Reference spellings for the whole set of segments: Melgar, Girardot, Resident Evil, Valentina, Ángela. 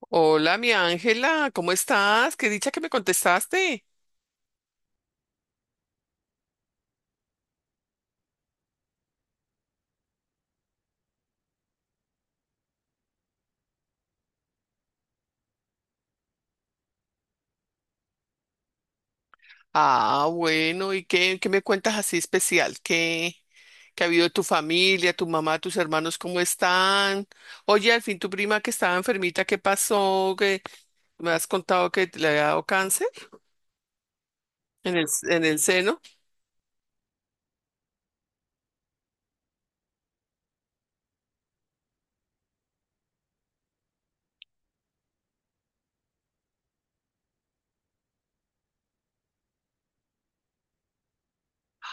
Hola, mi Ángela, ¿cómo estás? Qué dicha que me contestaste. Ah, bueno, ¿y qué, qué me cuentas así especial? ¿Qué, qué ha habido de tu familia, tu mamá, tus hermanos, cómo están? Oye, al fin tu prima que estaba enfermita, ¿qué pasó? Que me has contado que te le había dado cáncer en el seno?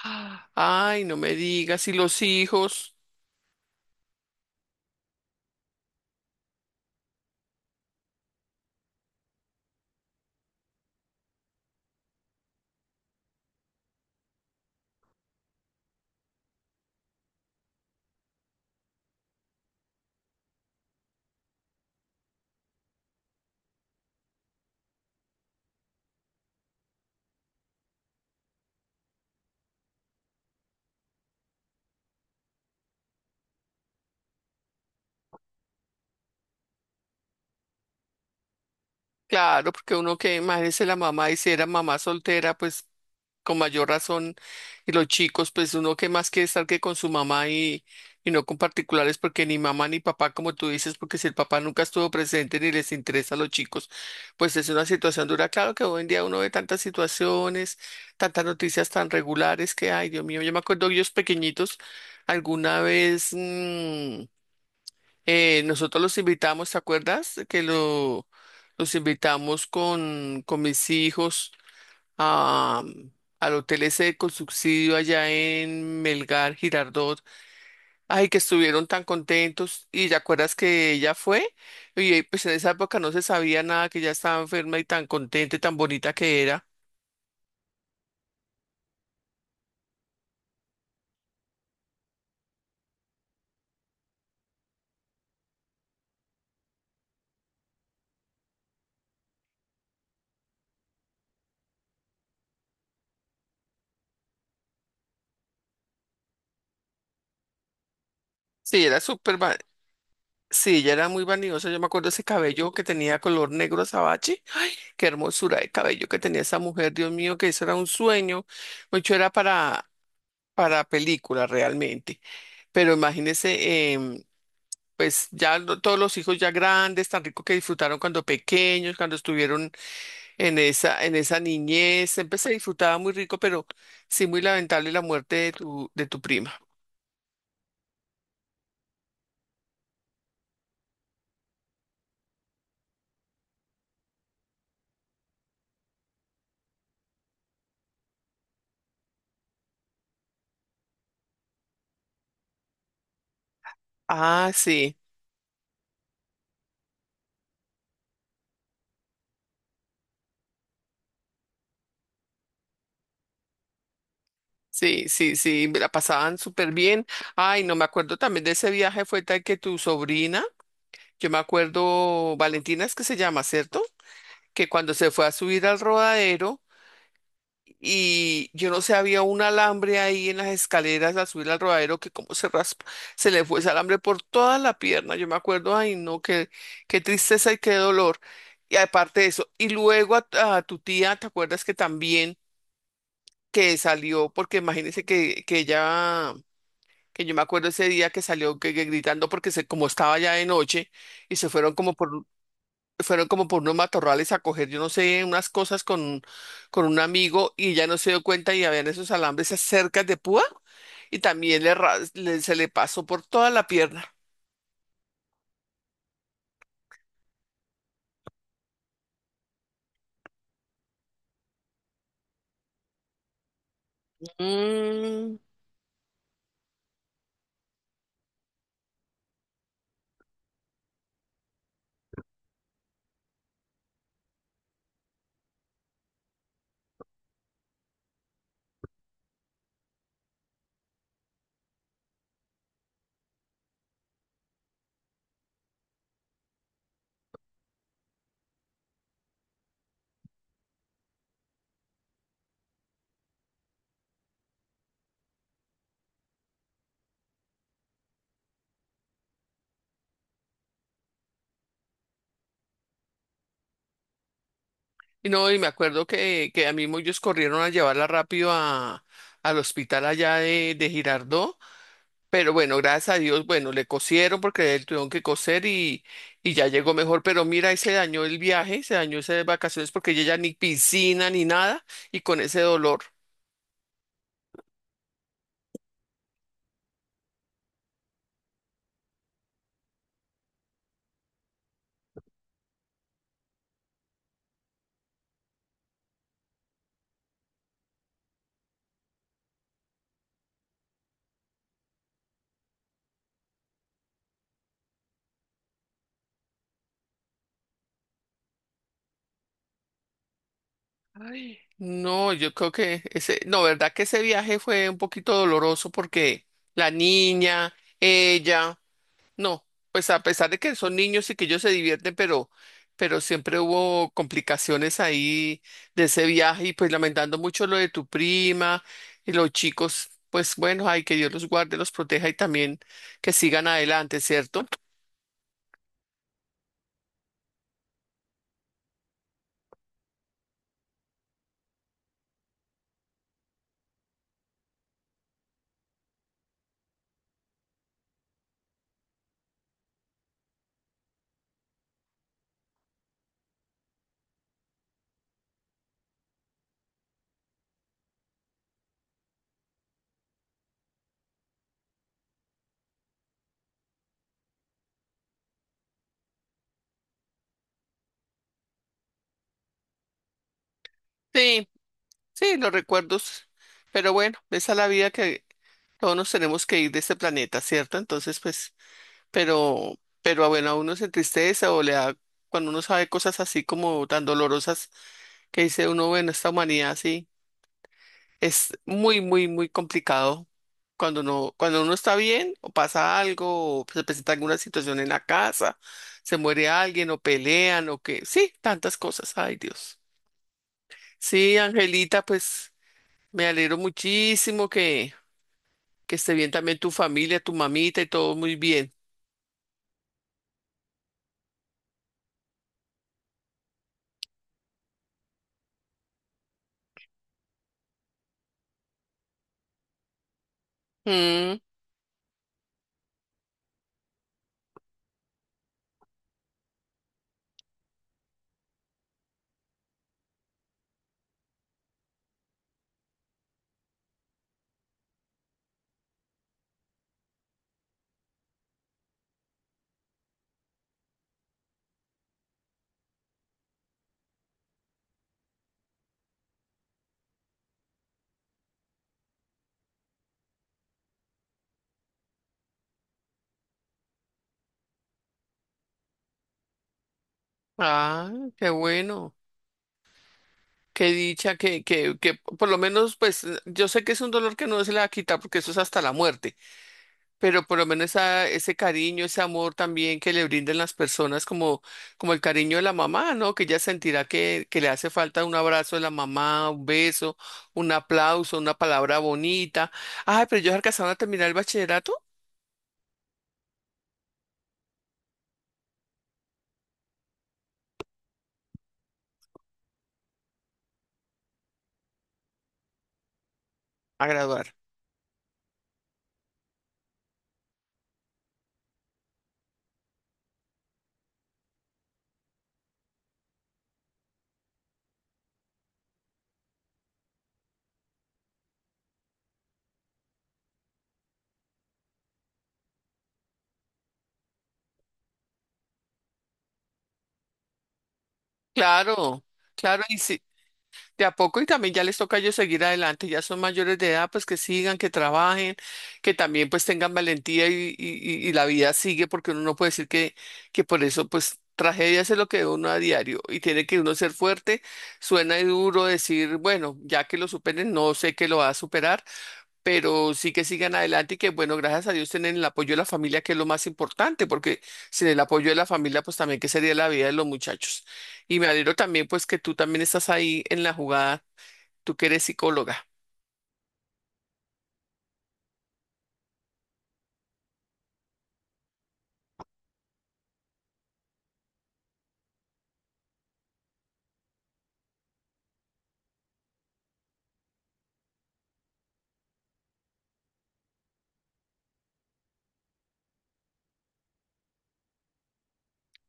Ah, ay, no me digas, ¿y los hijos? Claro, porque uno que imagínese la mamá, y si era mamá soltera, pues con mayor razón, y los chicos, pues uno que más quiere estar que con su mamá, y no con particulares, porque ni mamá ni papá, como tú dices, porque si el papá nunca estuvo presente ni les interesa a los chicos, pues es una situación dura. Claro que hoy en día uno ve tantas situaciones, tantas noticias tan regulares que, ay, Dios mío, yo me acuerdo ellos pequeñitos, alguna vez. Nosotros los invitamos, ¿te acuerdas? Los invitamos con mis hijos a, al hotel ese con subsidio allá en Melgar, Girardot. Ay, que estuvieron tan contentos. Y ¿te acuerdas que ella fue? Pues en esa época no se sabía nada, que ella estaba enferma y tan contenta y tan bonita que era. Sí, era súper, sí, ella era muy vanidosa. Yo me acuerdo ese cabello que tenía color negro azabache. Qué hermosura de cabello que tenía esa mujer, Dios mío, que eso era un sueño. Mucho era para película realmente. Pero imagínese, pues todos los hijos ya grandes, tan rico que disfrutaron cuando pequeños, cuando estuvieron en esa niñez. Siempre se disfrutaba muy rico, pero sí muy lamentable la muerte de tu prima. Ah, sí. Sí, sí, sí, me la pasaban súper bien. Ay, no me acuerdo también de ese viaje, fue tal que tu sobrina. Yo me acuerdo, Valentina es que se llama, ¿cierto? Que cuando se fue a subir al rodadero, y yo no sé, había un alambre ahí en las escaleras al subir al rodadero que como se raspa, se le fue ese alambre por toda la pierna. Yo me acuerdo, ay no, qué, qué tristeza y qué dolor. Y aparte de eso, y luego a tu tía, ¿te acuerdas que también que salió? Porque imagínese que ella, que yo me acuerdo ese día que salió que gritando porque se, como estaba ya de noche y se fueron como por unos matorrales a coger, yo no sé, unas cosas con un amigo y ya no se dio cuenta y habían esos alambres cerca de púa y también se le pasó por toda la pierna. Mm, y no, y me acuerdo que a mí ellos corrieron a llevarla rápido a, al hospital allá de Girardot, pero bueno, gracias a Dios, bueno, le cosieron porque él tuvieron que coser y ya llegó mejor, pero mira, ahí se dañó el viaje, se dañó esas vacaciones porque ella ya ni piscina ni nada, y con ese dolor. Ay. No, yo creo que ese, no, verdad que ese viaje fue un poquito doloroso porque la niña, ella, no, pues a pesar de que son niños y que ellos se divierten, pero siempre hubo complicaciones ahí de ese viaje y pues lamentando mucho lo de tu prima y los chicos, pues bueno, ay, que Dios los guarde, los proteja y también que sigan adelante, ¿cierto? Sí, sí, los recuerdos, pero bueno, esa es la vida que, todos nos tenemos que ir de este planeta, ¿cierto? Entonces, pues, pero, pero bueno, a uno se entristece o le da, cuando uno sabe cosas así como tan dolorosas, que dice uno, bueno, esta humanidad sí, es muy, muy, muy complicado. Cuando uno está bien, o pasa algo, o se presenta alguna situación en la casa, se muere alguien, o pelean, o que, sí, tantas cosas, ay Dios. Sí, Angelita, pues me alegro muchísimo que esté bien también tu familia, tu mamita y todo muy bien. Mm, ah, Qué bueno, qué dicha, que, que por lo menos, pues yo sé que es un dolor que no se le va a quitar porque eso es hasta la muerte, pero por lo menos ese cariño, ese amor también que le brindan las personas, como, como el cariño de la mamá, ¿no? Que ella sentirá que le hace falta un abrazo de la mamá, un beso, un aplauso, una palabra bonita. Ay, pero ellos alcanzaron a terminar el bachillerato, a graduar. Claro, claro, y sí, de a poco y también ya les toca a ellos seguir adelante, ya son mayores de edad, pues que sigan, que trabajen, que también pues tengan valentía y la vida sigue, porque uno no puede decir que por eso pues tragedias es lo que ve uno a diario y tiene que uno ser fuerte, suena duro decir, bueno, ya que lo superen, no sé que lo va a superar, pero sí que sigan adelante y que, bueno, gracias a Dios tienen el apoyo de la familia, que es lo más importante, porque sin el apoyo de la familia, pues también qué sería la vida de los muchachos. Y me alegro también, pues, que tú también estás ahí en la jugada, tú que eres psicóloga.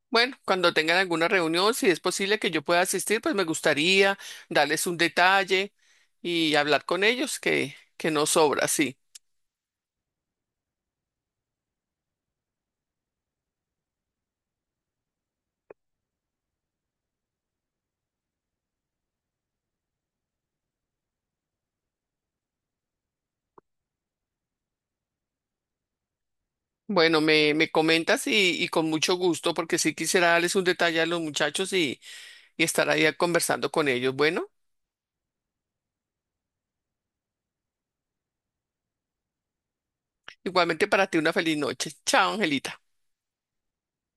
Bueno, cuando tengan alguna reunión, si es posible que yo pueda asistir, pues me gustaría darles un detalle y hablar con ellos, que no sobra, sí. Bueno, me comentas y con mucho gusto, porque sí quisiera darles un detalle a los muchachos y estar ahí conversando con ellos. Bueno. Igualmente para ti una feliz noche. Chao, Angelita.